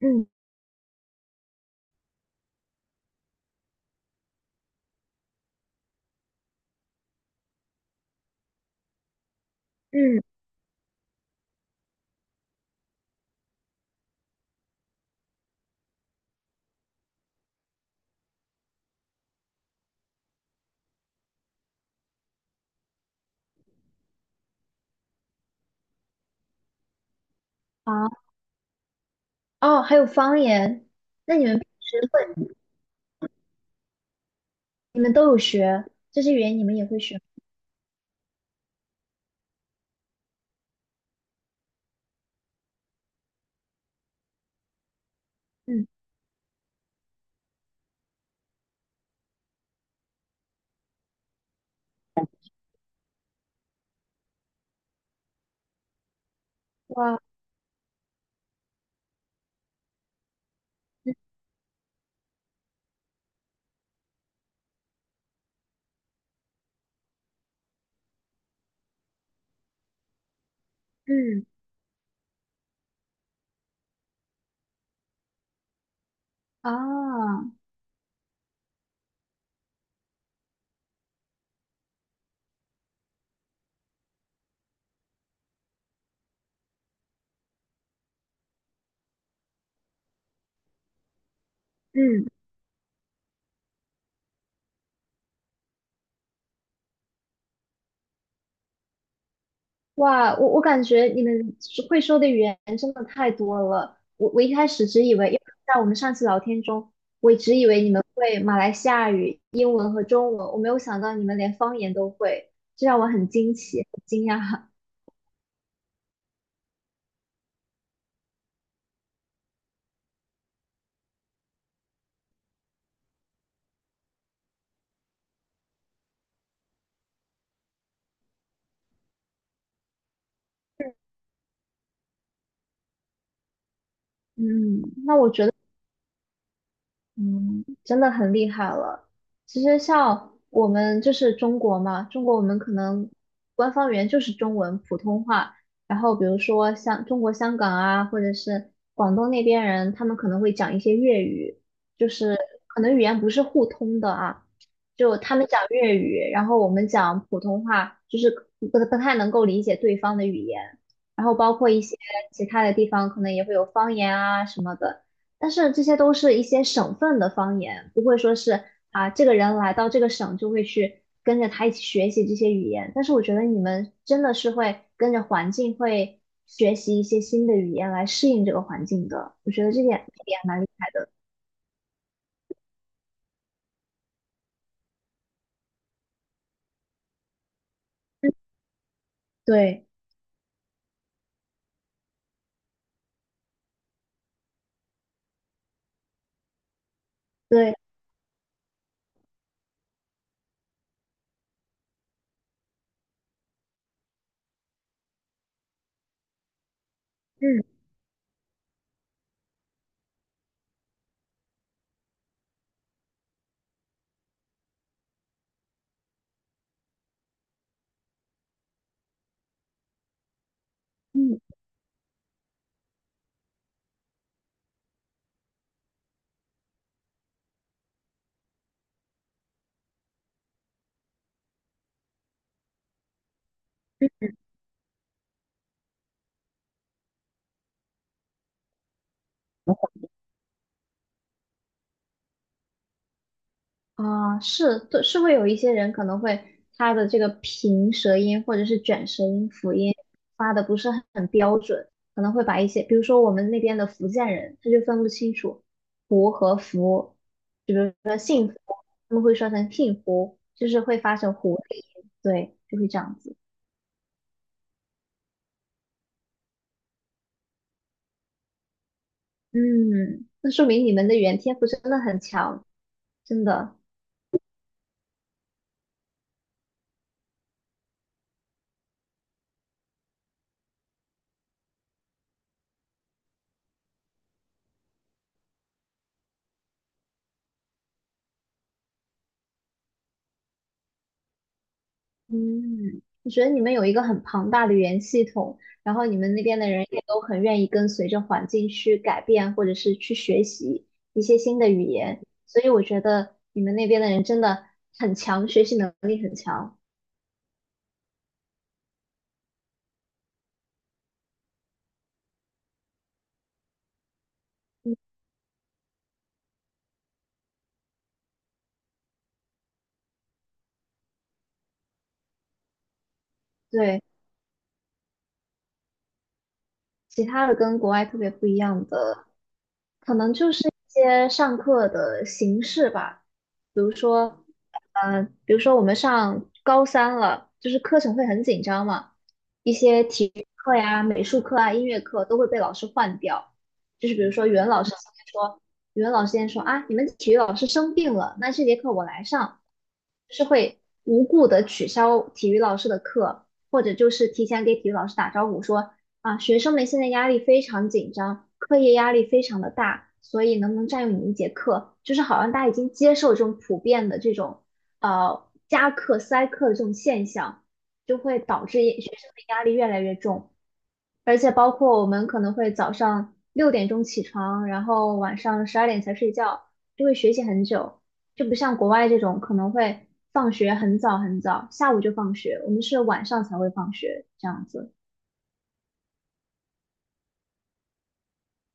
嗯嗯，好哦，还有方言，那你们平时会，你们都有学这些语言，你们也会学吗？嗯，哇，嗯嗯啊，嗯，哇，我感觉你们会说的语言真的太多了。我一开始只以为，因为在我们上次聊天中，我一直以为你们会马来西亚语、英文和中文，我没有想到你们连方言都会，这让我很惊奇，很惊讶。嗯，那我觉得。嗯，真的很厉害了。其实像我们就是中国嘛，中国我们可能官方语言就是中文普通话，然后比如说像中国香港啊，或者是广东那边人，他们可能会讲一些粤语，就是可能语言不是互通的啊，就他们讲粤语，然后我们讲普通话，就是不太能够理解对方的语言，然后包括一些其他的地方可能也会有方言啊什么的。但是这些都是一些省份的方言，不会说是啊，这个人来到这个省就会去跟着他一起学习这些语言。但是我觉得你们真的是会跟着环境会学习一些新的语言来适应这个环境的，我觉得这点还蛮厉害的。对对，嗯嗯。啊，是，对，是会有一些人可能会他的这个平舌音或者是卷舌音、辅音发的不是很标准，可能会把一些，比如说我们那边的福建人，他就分不清楚胡和福，就是他们会说成听胡，就是会发成胡，对，就会这样子。嗯，那说明你们的语言天赋真的很强，真的。嗯，我觉得你们有一个很庞大的语言系统，然后你们那边的人也都很愿意跟随着环境去改变，或者是去学习一些新的语言，所以我觉得你们那边的人真的很强，学习能力很强。嗯，对。其他的跟国外特别不一样的，可能就是一些上课的形式吧。比如说，比如说我们上高三了，就是课程会很紧张嘛，一些体育课呀、美术课啊、音乐课都会被老师换掉。就是比如说，语文老师今天说啊，你们体育老师生病了，那这节课我来上，就是会无故的取消体育老师的课。或者就是提前给体育老师打招呼说，啊，学生们现在压力非常紧张，课业压力非常的大，所以能不能占用你一节课，就是好像大家已经接受这种普遍的这种加课塞课的这种现象，就会导致也学生的压力越来越重。而且包括我们可能会早上6点钟起床，然后晚上十二点才睡觉，就会学习很久，就不像国外这种可能会放学很早很早，下午就放学，我们是晚上才会放学这样子。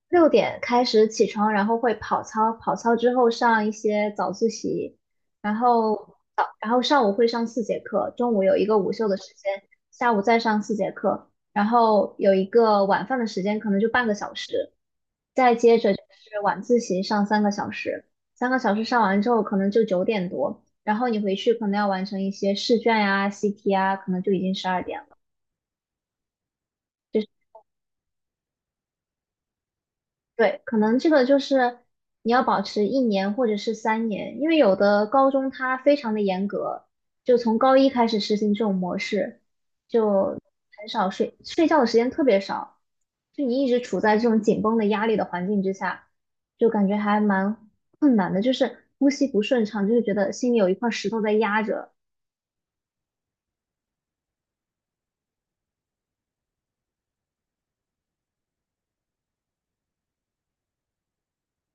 六点开始起床，然后会跑操，跑操之后上一些早自习，然后早，然后上午会上四节课，中午有一个午休的时间，下午再上四节课，然后有一个晚饭的时间，可能就半个小时，再接着就是晚自习上三个小时，三个小时上完之后可能就9点多，然后你回去可能要完成一些试卷呀、习题啊，可能就已经十二点了。对，可能这个就是你要保持1年或者是3年，因为有的高中它非常的严格，就从高一开始实行这种模式，就很少睡，睡觉的时间特别少，就你一直处在这种紧绷的压力的环境之下，就感觉还蛮困难的，就是呼吸不顺畅，就是觉得心里有一块石头在压着。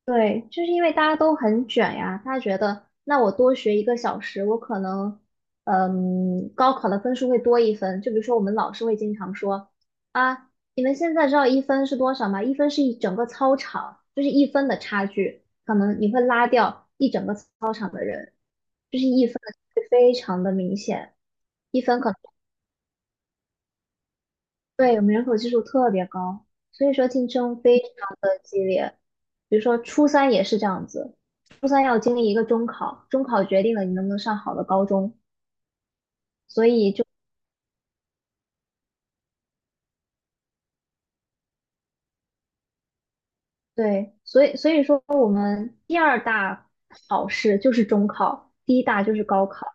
对，就是因为大家都很卷呀，大家觉得那我多学1个小时，我可能，嗯，高考的分数会多一分。就比如说我们老师会经常说，啊，你们现在知道一分是多少吗？一分是一整个操场，就是一分的差距，可能你会拉掉一整个操场的人，就是一分的差距非常的明显，一分可对，我们人口基数特别高，所以说竞争非常的激烈。比如说初三也是这样子，初三要经历一个中考，中考决定了你能不能上好的高中，所以就对，所以说我们第二大考试就是中考，第一大就是高考。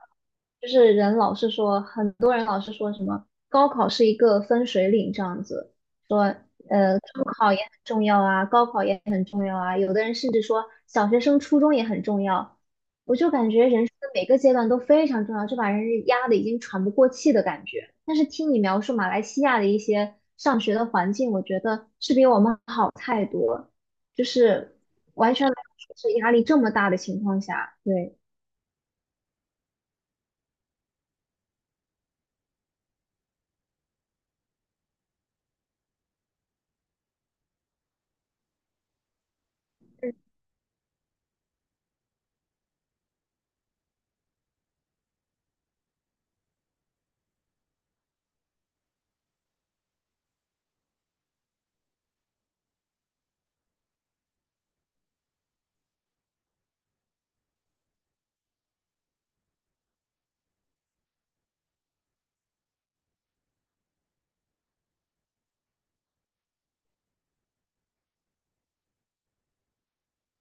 就是人老是说，很多人老是说什么高考是一个分水岭这样子，说中考也很重要啊，高考也很重要啊，有的人甚至说小学生、初中也很重要。我就感觉人生的每个阶段都非常重要，就把人压得已经喘不过气的感觉。但是听你描述马来西亚的一些上学的环境，我觉得是比我们好太多，就是完全没有说是压力这么大的情况下，对，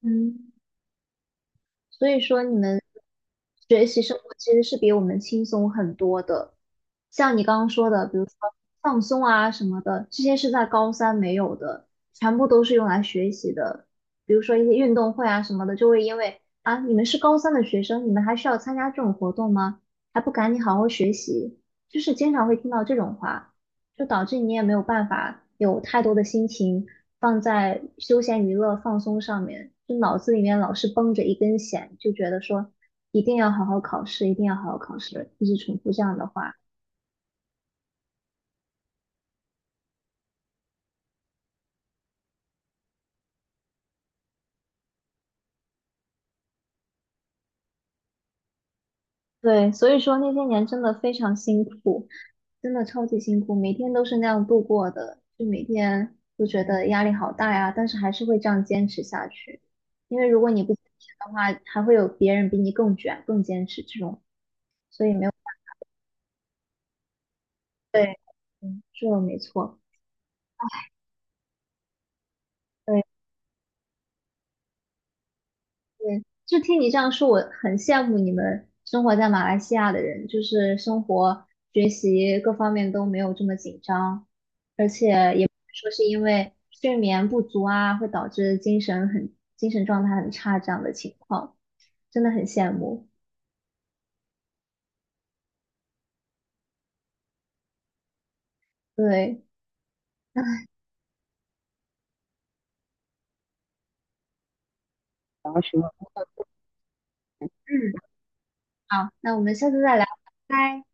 嗯。所以说，你们学习生活其实是比我们轻松很多的。像你刚刚说的，比如说放松啊什么的，这些是在高三没有的，全部都是用来学习的。比如说一些运动会啊什么的，就会因为啊，你们是高三的学生，你们还需要参加这种活动吗？还不赶紧好好学习，就是经常会听到这种话。就导致你也没有办法有太多的心情放在休闲娱乐放松上面，就脑子里面老是绷着一根弦，就觉得说一定要好好考试，一定要好好考试，一直重复这样的话。对，所以说那些年真的非常辛苦，真的超级辛苦，每天都是那样度过的，就每天都觉得压力好大呀，但是还是会这样坚持下去，因为如果你不坚持的话，还会有别人比你更卷、更坚持这种，所以没有。对，嗯，是的，没错，对对，就听你这样说，我很羡慕你们生活在马来西亚的人，就是生活、学习各方面都没有这么紧张，而且也不会说是因为睡眠不足啊，会导致精神状态很差这样的情况，真的很羡慕。对，然好什么？嗯，好，那我们下次再聊，拜拜。